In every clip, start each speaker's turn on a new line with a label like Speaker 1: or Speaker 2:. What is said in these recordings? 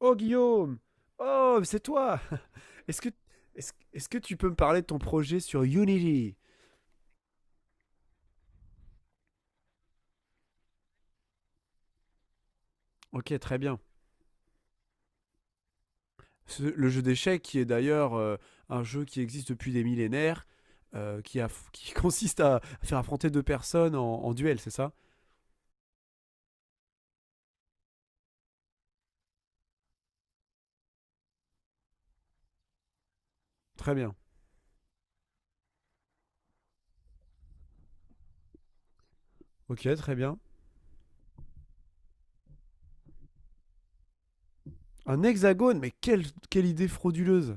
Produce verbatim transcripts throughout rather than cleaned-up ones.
Speaker 1: Oh, Guillaume. Oh, c'est toi. Est-ce que, est-ce, est-ce que tu peux me parler de ton projet sur Unity? Ok, très bien. Ce- le jeu d'échecs, qui est d'ailleurs euh, un jeu qui existe depuis des millénaires, euh, qui, a, qui consiste à faire affronter deux personnes en, en duel, c'est ça? Très bien. Ok, très bien. Un hexagone, mais quelle, quelle idée frauduleuse!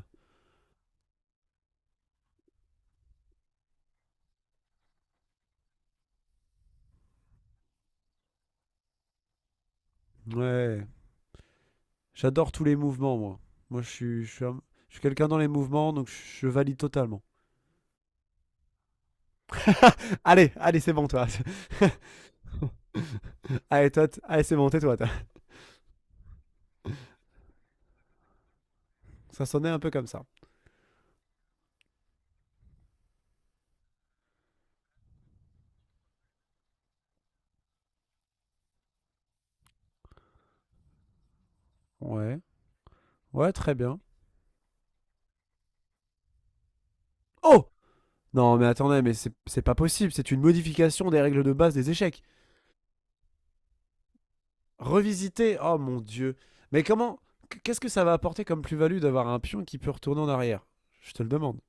Speaker 1: Ouais, j'adore tous les mouvements, moi. Moi, je suis, je suis, un- je suis quelqu'un dans les mouvements, donc je valide totalement. Allez, allez, c'est bon, toi. Allez, toi, t- allez, c'est bon, tais-toi. Toi. Ça sonnait un peu comme ça. Ouais. Ouais, très bien. Oh, non, mais attendez, mais c'est c'est pas possible. C'est une modification des règles de base des échecs. Revisiter? Oh mon dieu. Mais comment? Qu'est-ce que ça va apporter comme plus-value d'avoir un pion qui peut retourner en arrière? Je te le demande.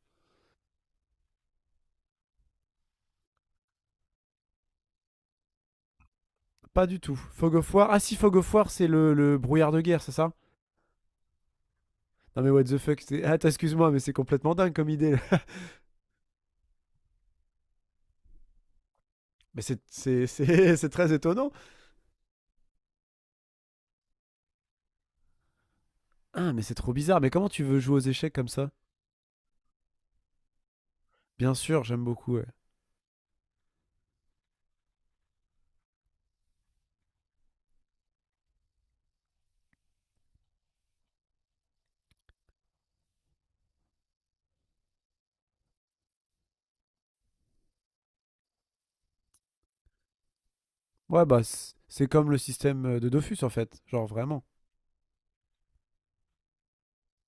Speaker 1: Pas du tout. Fog of War. Ah si, Fog of War, c'est le, le brouillard de guerre, c'est ça? Non mais what the fuck c'est- ah, excuse-moi, mais c'est complètement dingue comme idée. Là. Mais c'est- c'est c'est- c'est très étonnant. Ah, mais c'est trop bizarre. Mais comment tu veux jouer aux échecs comme ça? Bien sûr, j'aime beaucoup. Ouais. Ouais, bah, c- c'est comme le système euh, de Dofus, en fait. Genre, vraiment.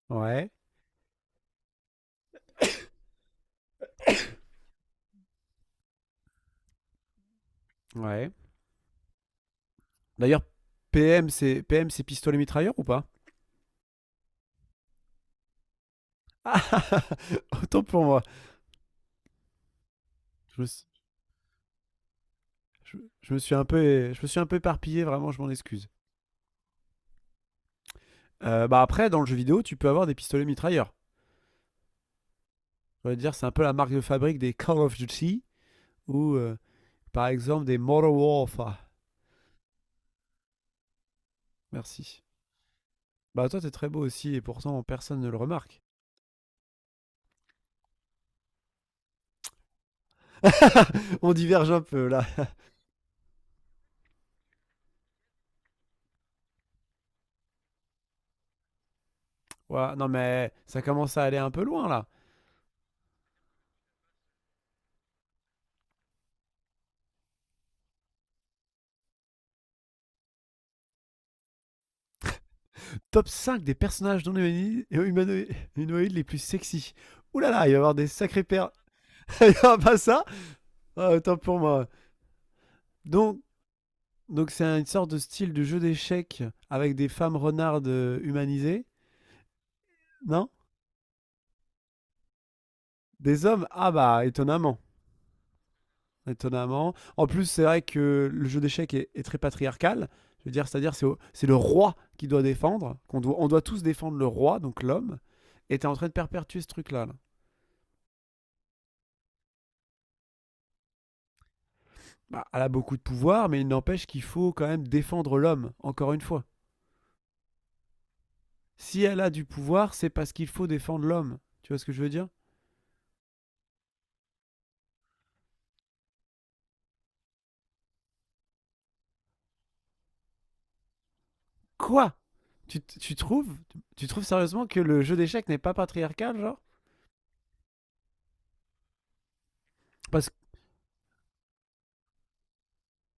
Speaker 1: Ouais, ouais. D'ailleurs, P M, c'est P M, c'est pistolet mitrailleur ou pas? Ah, autant pour moi. Je me, suis- je- je me suis un peu, je me suis un peu éparpillé, vraiment, je m'en excuse. Euh, bah après, dans le jeu vidéo, tu peux avoir des pistolets mitrailleurs. Je veux dire, c'est un peu la marque de fabrique des Call of Duty ou, euh, par exemple, des Modern Warfare. Merci. Bah toi, t'es très beau aussi, et pourtant, personne ne le remarque. On diverge un peu là. Ouais, non mais ça commence à aller un peu loin là. Top cinq des personnages non humani- euh, humano- humanoïdes les plus sexy. Ouh là là, il va y avoir des sacrés perles. Il n'y aura pas ça? Ah, tant pour moi. Donc, donc c'est une sorte de style de jeu d'échecs avec des femmes renardes euh, humanisées, non? Des hommes? Ah bah étonnamment, étonnamment. En plus, c'est vrai que le jeu d'échecs est, est très patriarcal. Je veux dire, c'est-à-dire c'est au- c'est le roi qui doit défendre, qu'on doit, on doit tous défendre le roi, donc l'homme. Et t'es en train de perpétuer ce truc-là. Là. Bah, elle a beaucoup de pouvoir, mais il n'empêche qu'il faut quand même défendre l'homme, encore une fois. Si elle a du pouvoir, c'est parce qu'il faut défendre l'homme. Tu vois ce que je veux dire? Quoi? Tu, tu trouves? Tu trouves sérieusement que le jeu d'échecs n'est pas patriarcal, genre? Parce que,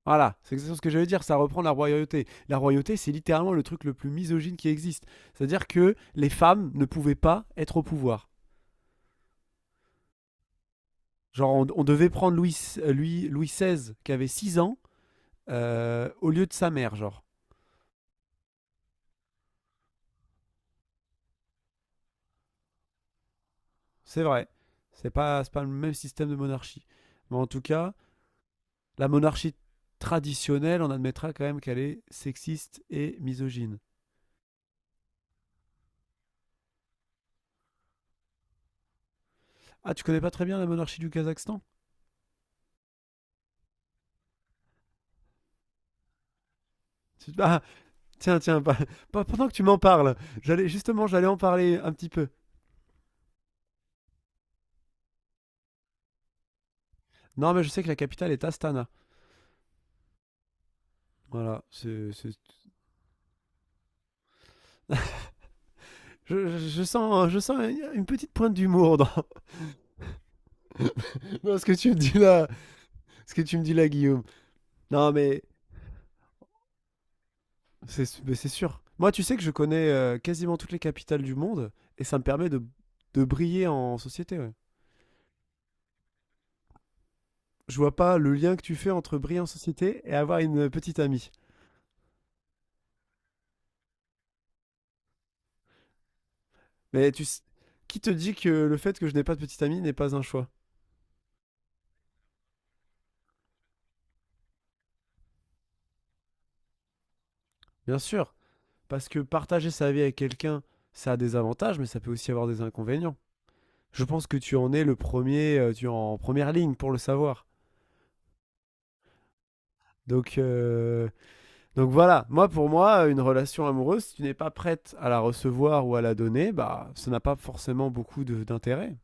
Speaker 1: voilà, c'est exactement ce que j'allais dire, ça reprend la royauté. La royauté, c'est littéralement le truc le plus misogyne qui existe. C'est-à-dire que les femmes ne pouvaient pas être au pouvoir. Genre, on, on devait prendre Louis, euh, Louis, Louis dix-six, qui avait six ans, euh, au lieu de sa mère, genre. C'est vrai. C'est pas, c'est pas le même système de monarchie. Mais en tout cas, la monarchie traditionnelle, on admettra quand même qu'elle est sexiste et misogyne. Ah, tu connais pas très bien la monarchie du Kazakhstan? Tu- Ah, tiens, tiens, pas, pas- pendant que tu m'en parles, j'allais justement, j'allais en parler un petit peu. Non, mais je sais que la capitale est Astana. Voilà, c'est, c'est- je, je- Je sens, je sens une, une petite pointe d'humour dans, dans ce que tu me dis là, ce que tu me dis là, Guillaume. Non, mais c'est mais c'est sûr. Moi, tu sais que je connais euh, quasiment toutes les capitales du monde et ça me permet de, de briller en société. Ouais. Je vois pas le lien que tu fais entre briller en société et avoir une petite amie. Mais tu s- qui te dit que le fait que je n'ai pas de petite amie n'est pas un choix? Bien sûr, parce que partager sa vie avec quelqu'un, ça a des avantages, mais ça peut aussi avoir des inconvénients. Je pense que tu en es le premier, euh, tu es en première ligne pour le savoir. Donc, euh, Donc voilà, moi pour moi, une relation amoureuse, si tu n'es pas prête à la recevoir ou à la donner, bah ça n'a pas forcément beaucoup de- d'intérêt.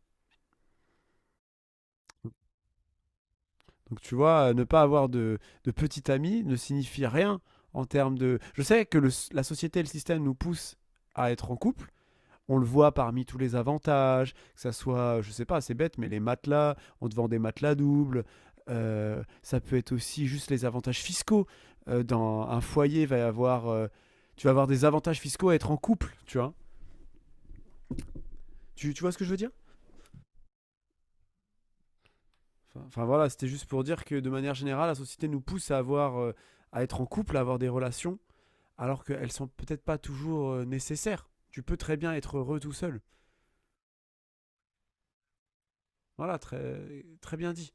Speaker 1: Donc tu vois, ne pas avoir de, de petit ami ne signifie rien en termes de... Je sais que le s- la société et le système nous poussent à être en couple. On le voit parmi tous les avantages, que ça soit, je sais pas, c'est bête, mais les matelas, on te vend des matelas doubles. Euh, ça peut être aussi juste les avantages fiscaux. Euh, dans un foyer, va y avoir, euh, tu vas avoir des avantages fiscaux à être en couple, tu vois. Tu, tu vois ce que je veux dire? Enfin, enfin, voilà, c'était juste pour dire que de manière générale, la société nous pousse à avoir, euh, à être en couple, à avoir des relations, alors qu'elles sont peut-être pas toujours euh, nécessaires. Tu peux très bien être heureux tout seul. Voilà, très, très bien dit.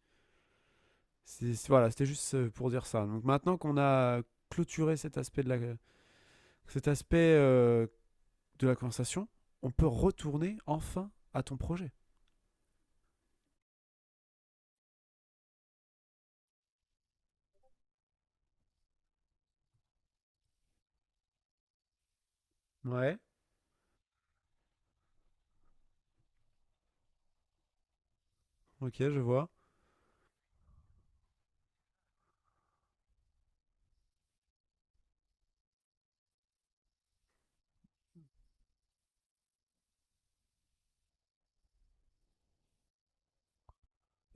Speaker 1: C'est- c'est- Voilà, c'était juste euh, pour dire ça. Donc maintenant qu'on a clôturé cet aspect de la, cet aspect euh, de la conversation, on peut retourner enfin à ton projet. Ouais. Ok, je vois.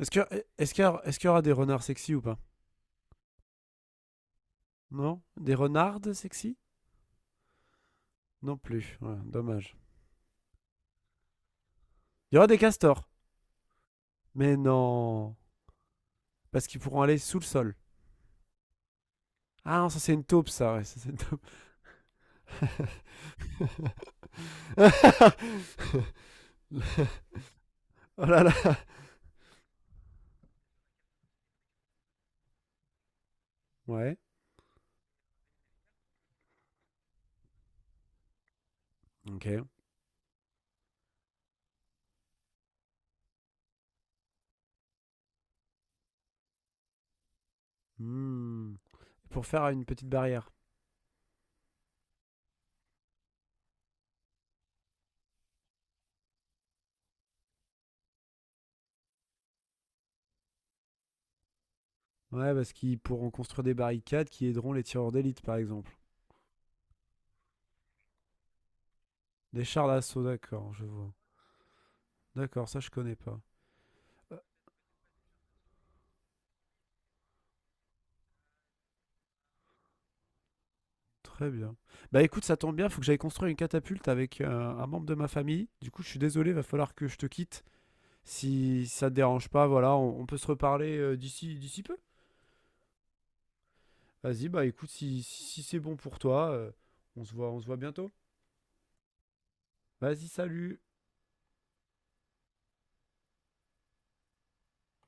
Speaker 1: Est-ce que, est-ce qu'il y, a- Est-ce qu'il y aura des renards sexy ou pas? Non? Des renardes sexy? Non plus. Ouais, dommage. Il y aura des castors? Mais non. Parce qu'ils pourront aller sous le sol. Ah non, ça c'est une taupe, ça. Ouais, ça c'est une taupe. Oh là là. Ouais. Ok. Hmm. Pour faire une petite barrière. Ouais, parce qu'ils pourront construire des barricades qui aideront les tireurs d'élite, par exemple. Des chars d'assaut, d'accord, je vois. D'accord, ça je connais pas. Euh, Très bien. Bah écoute, ça tombe bien, faut que j'aille construire une catapulte avec euh, un membre de ma famille. Du coup, je suis désolé, va falloir que je te quitte. Si ça te dérange pas, voilà, on, on peut se reparler euh, d'ici d'ici peu. Vas-y, bah écoute, si, si, si c'est bon pour toi, euh, on se voit on se voit bientôt. Vas-y, salut.